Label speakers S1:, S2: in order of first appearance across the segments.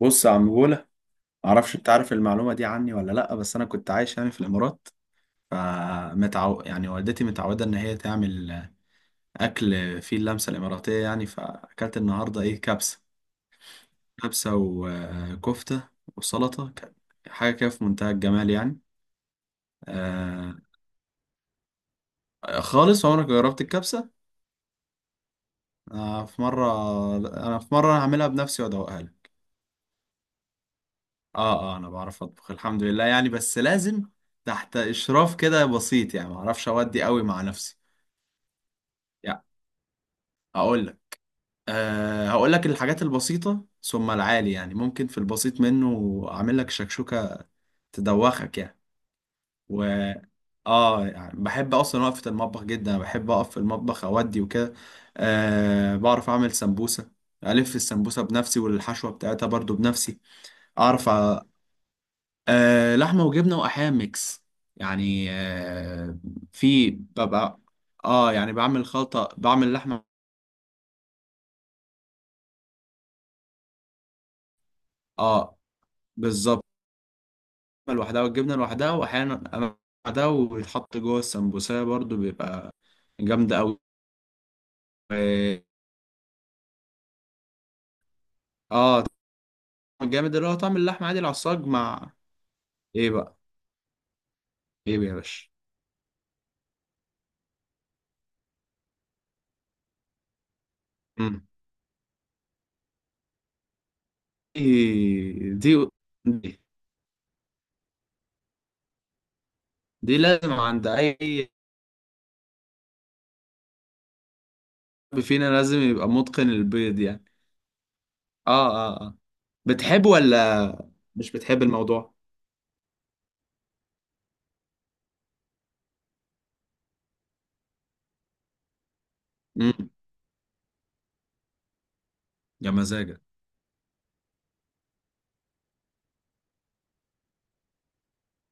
S1: بص يا عم بولا. معرفش انت عارف المعلومه دي عني ولا لا، بس انا كنت عايش يعني في الامارات، فمتعو يعني والدتي متعوده ان هي تعمل اكل فيه اللمسه الاماراتيه يعني. فاكلت النهارده ايه؟ كبسه، كبسه وكفته وسلطه، كان حاجه كده في منتهى الجمال يعني. آه، خالص عمرك جربت الكبسه؟ آه، في مره انا في مره هعملها بنفسي وادوقها لك. اه، اه، انا بعرف اطبخ الحمد لله يعني، بس لازم تحت اشراف كده بسيط يعني، معرفش اودي قوي مع نفسي. هقول لك هقول لك الحاجات البسيطة ثم العالي، يعني ممكن في البسيط منه أعمل لك شكشوكة تدوخك يعني. و اه يعني بحب أصلا وقفة المطبخ جدا، بحب أقف في المطبخ أودي وكده. أه، بعرف أعمل سمبوسة، ألف السمبوسة بنفسي والحشوة بتاعتها برضو بنفسي. أعرف أه، لحمة وجبنة وأحيانا ميكس يعني. أه، في ببقى اه يعني بعمل خلطة بعمل لحمة. اه بالظبط، لوحدها والجبنة لوحدها، وأحيانا أنا لوحدها ويتحط جوه السمبوسة برضو، بيبقى جامدة أوي. و- اه طعم الجامد اللي هو طعم اللحمة عادي، العصاج مع ايه بقى؟ ايه يا باشا؟ مم. دي دي دي, دي لازم عند أي حد فينا لازم يبقى متقن البيض يعني. اه اه اه، بتحب ولا مش بتحب الموضوع؟ مم. يا مزاجك.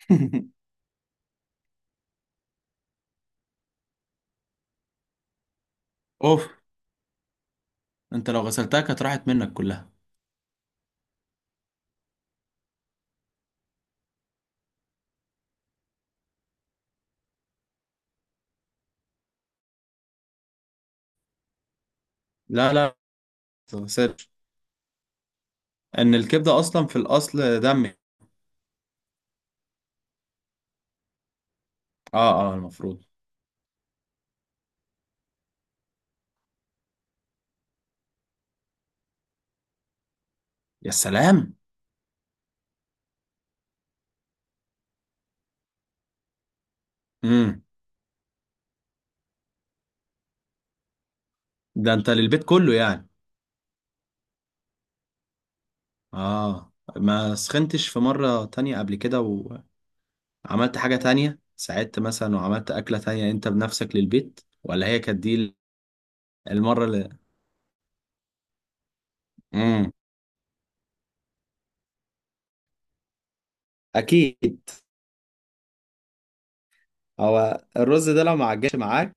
S1: اوف، انت لو غسلتها كانت راحت منك كلها. لا لا، غسلت ان الكبده اصلا في الاصل دم. اه اه، المفروض. يا سلام. امم، ده انت للبيت كله يعني؟ اه، ما سخنتش في مره تانية قبل كده وعملت حاجه تانية، ساعدت مثلا وعملت اكله تانية انت بنفسك للبيت، ولا هي كانت دي المره اللي... امم، اكيد. هو الرز ده لو ما عجنش معاك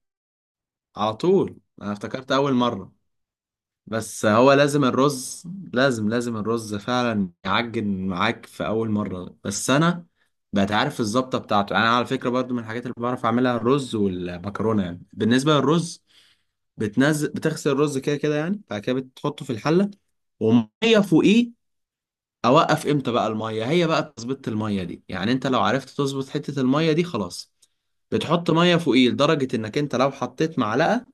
S1: على طول، انا افتكرت اول مره، بس هو لازم الرز، لازم لازم الرز فعلا يعجن معاك في اول مره، بس انا بقيت عارف الظبطه بتاعته يعني. انا على فكره برضو من الحاجات اللي بعرف اعملها الرز والمكرونه. يعني بالنسبه للرز، بتنزل بتغسل الرز كده كده يعني، بعد كده بتحطه في الحله وميه فوقيه. اوقف امتى بقى الميه؟ هي بقى تظبيط الميه دي، يعني انت لو عرفت تظبط حته الميه دي خلاص. بتحط ميه فوقيه لدرجه انك انت لو حطيت معلقه،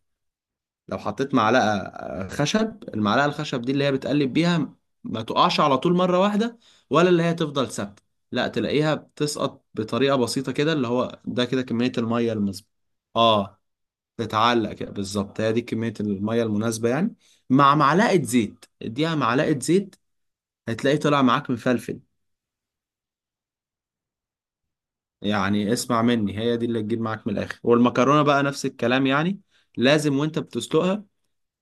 S1: لو حطيت معلقة خشب، المعلقة الخشب دي اللي هي بتقلب بيها، ما تقعش على طول مرة واحدة، ولا اللي هي تفضل ثابتة، لا تلاقيها بتسقط بطريقة بسيطة كده، اللي هو ده كده كمية المية المظبوطة. اه، تتعلق كده بالظبط، هي دي كمية المية المناسبة يعني. مع معلقة زيت، اديها معلقة زيت، هتلاقي طلع معاك مفلفل. يعني اسمع مني، هي دي اللي تجيب معاك من الآخر. والمكرونة بقى نفس الكلام يعني، لازم وانت بتسلقها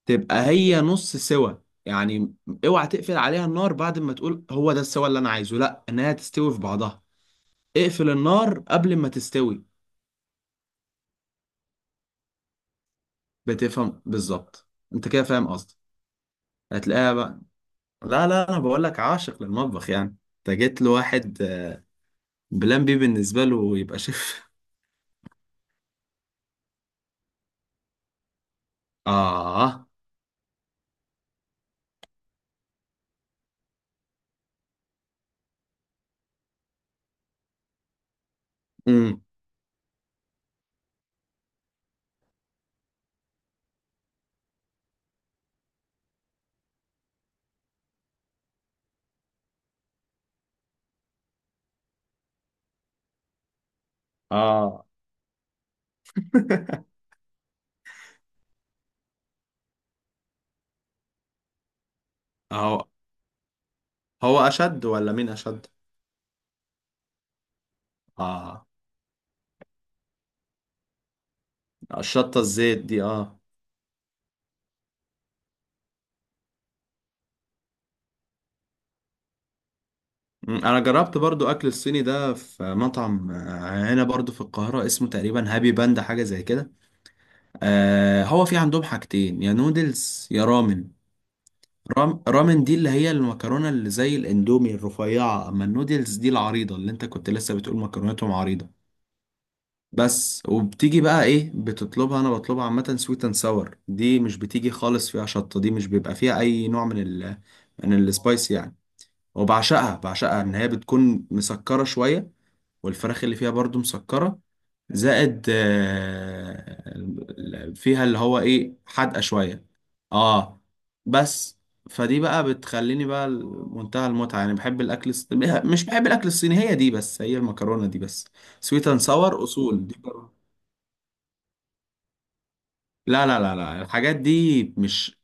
S1: تبقى هي نص سوا يعني. اوعى تقفل عليها النار بعد ما تقول هو ده السوا اللي انا عايزه، لا، انها تستوي في بعضها، اقفل النار قبل ما تستوي. بتفهم بالظبط، انت كده فاهم قصدي. هتلاقيها بقى. لا لا، انا بقول لك عاشق للمطبخ يعني. انت جيت لواحد بلان بي، بالنسبه له يبقى شيف. اه. امم. اه. هو هو اشد ولا مين اشد؟ اه، الشطه الزيت دي، اه. مم، انا جربت برضو اكل الصيني ده في مطعم هنا برضو في القاهرة، اسمه تقريبا هابي باندا، حاجة زي كده. آه، هو في عندهم حاجتين، يا نودلز يا رامن. رامن دي اللي هي المكرونة اللي زي الاندومي الرفيعة، اما النودلز دي العريضة اللي انت كنت لسه بتقول مكرونتهم عريضة. بس وبتيجي بقى ايه بتطلبها؟ انا بطلبها عامة سويت اند ساور، دي مش بتيجي خالص فيها شطة، دي مش بيبقى فيها اي نوع من من السبايس يعني. وبعشقها، بعشقها ان هي بتكون مسكرة شوية، والفراخ اللي فيها برضو مسكرة، زائد فيها اللي هو ايه حادقة شوية. اه بس، فدي بقى بتخليني بقى منتهى المتعة يعني. بحب الأكل مش بحب الأكل الصيني، هي دي بس، هي المكرونة دي بس. سويت اند ساور أصول دي لا لا لا لا، الحاجات دي مش.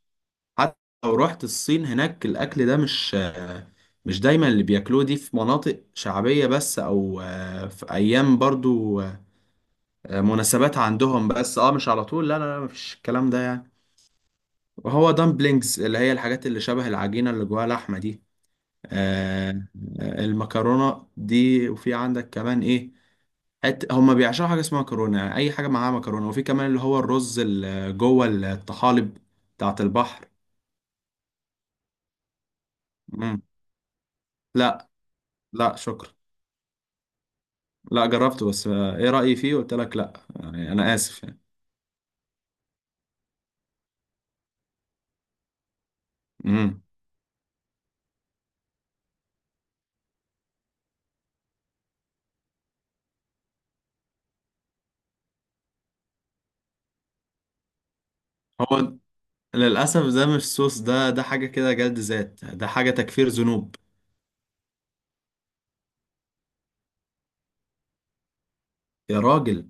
S1: حتى لو رحت الصين هناك الأكل ده مش دايما اللي بياكلوه دي، في مناطق شعبية بس، أو في أيام برضو مناسبات عندهم بس، اه مش على طول، لا لا لا مفيش الكلام ده يعني. وهو دامبلينجز اللي هي الحاجات اللي شبه العجينة اللي جواها لحمة دي. آه. المكرونة دي. وفي عندك كمان ايه، حت هما بيعشقوا حاجة اسمها مكرونة، يعني أي حاجة معاها مكرونة، وفي كمان اللي هو الرز اللي جوه الطحالب بتاعت البحر. مم. لا، لا شكرا. لا، جربته بس. آه، ايه رأيي فيه؟ قلت لك لا، يعني أنا آسف يعني. مم. هو للأسف ده مش صوص، ده ده حاجة كده جلد ذات، ده حاجة تكفير ذنوب. يا راجل.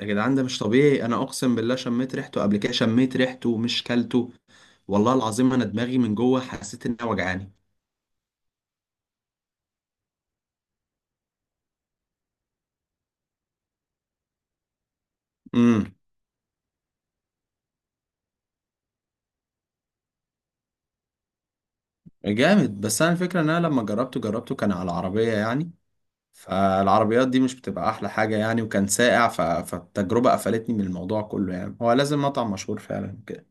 S1: يا جدعان، ده مش طبيعي، انا اقسم بالله شميت ريحته قبل كده، شميت ريحته مش كلته. والله العظيم انا دماغي من جوه حسيت انها وجعاني. امم. جامد. بس انا الفكره ان انا لما جربته، جربته كان على العربيه يعني، فالعربيات دي مش بتبقى احلى حاجه يعني، وكان ساقع، فالتجربه قفلتني من الموضوع كله، يعني هو لازم مطعم مشهور فعلا كده.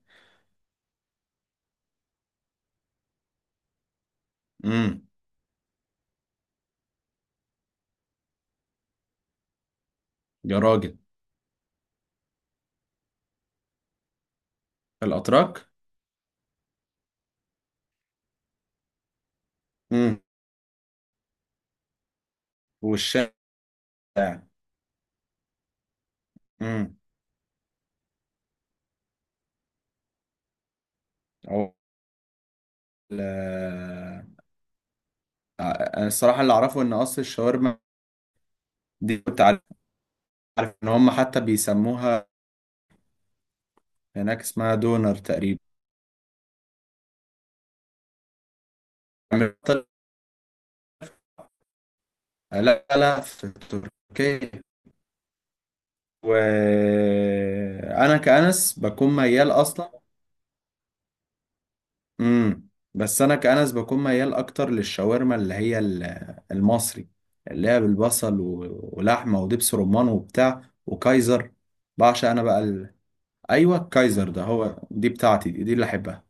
S1: امم. يا راجل. الاتراك. امم. والشارع. امم. أو- ال- انا الصراحه اللي اعرفه ان قصر الشاورما دي، كنت عارف ان هم حتى بيسموها هناك اسمها دونر تقريبا. لا لا، في تركيا. وانا كأنس بكون ميال اصلا. امم. بس انا كأنس بكون ميال اكتر للشاورما اللي هي المصري، اللي هي بالبصل ولحمه ودبس رمان وبتاع وكايزر. بعشق انا بقى ايوه الكايزر ده، هو دي بتاعتي، دي اللي احبها.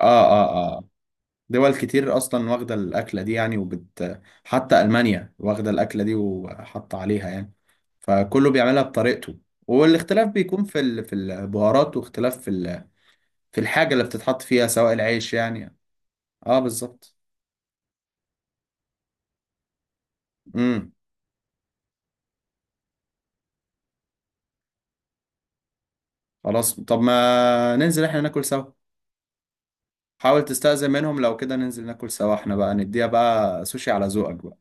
S1: اه اه. آه. دول كتير اصلا واخده الاكله دي يعني، وبت حتى المانيا واخده الاكله دي وحاطه عليها يعني، فكله بيعملها بطريقته، والاختلاف بيكون في في البهارات، واختلاف في في الحاجه اللي بتتحط فيها سواء العيش يعني. اه بالظبط. امم. خلاص، طب ما ننزل احنا ناكل سوا. حاول تستأذن منهم لو كده ننزل ناكل سوا احنا، بقى نديها بقى سوشي على ذوقك بقى.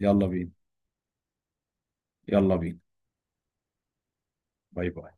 S1: يلا بينا. يلا بينا. باي باي.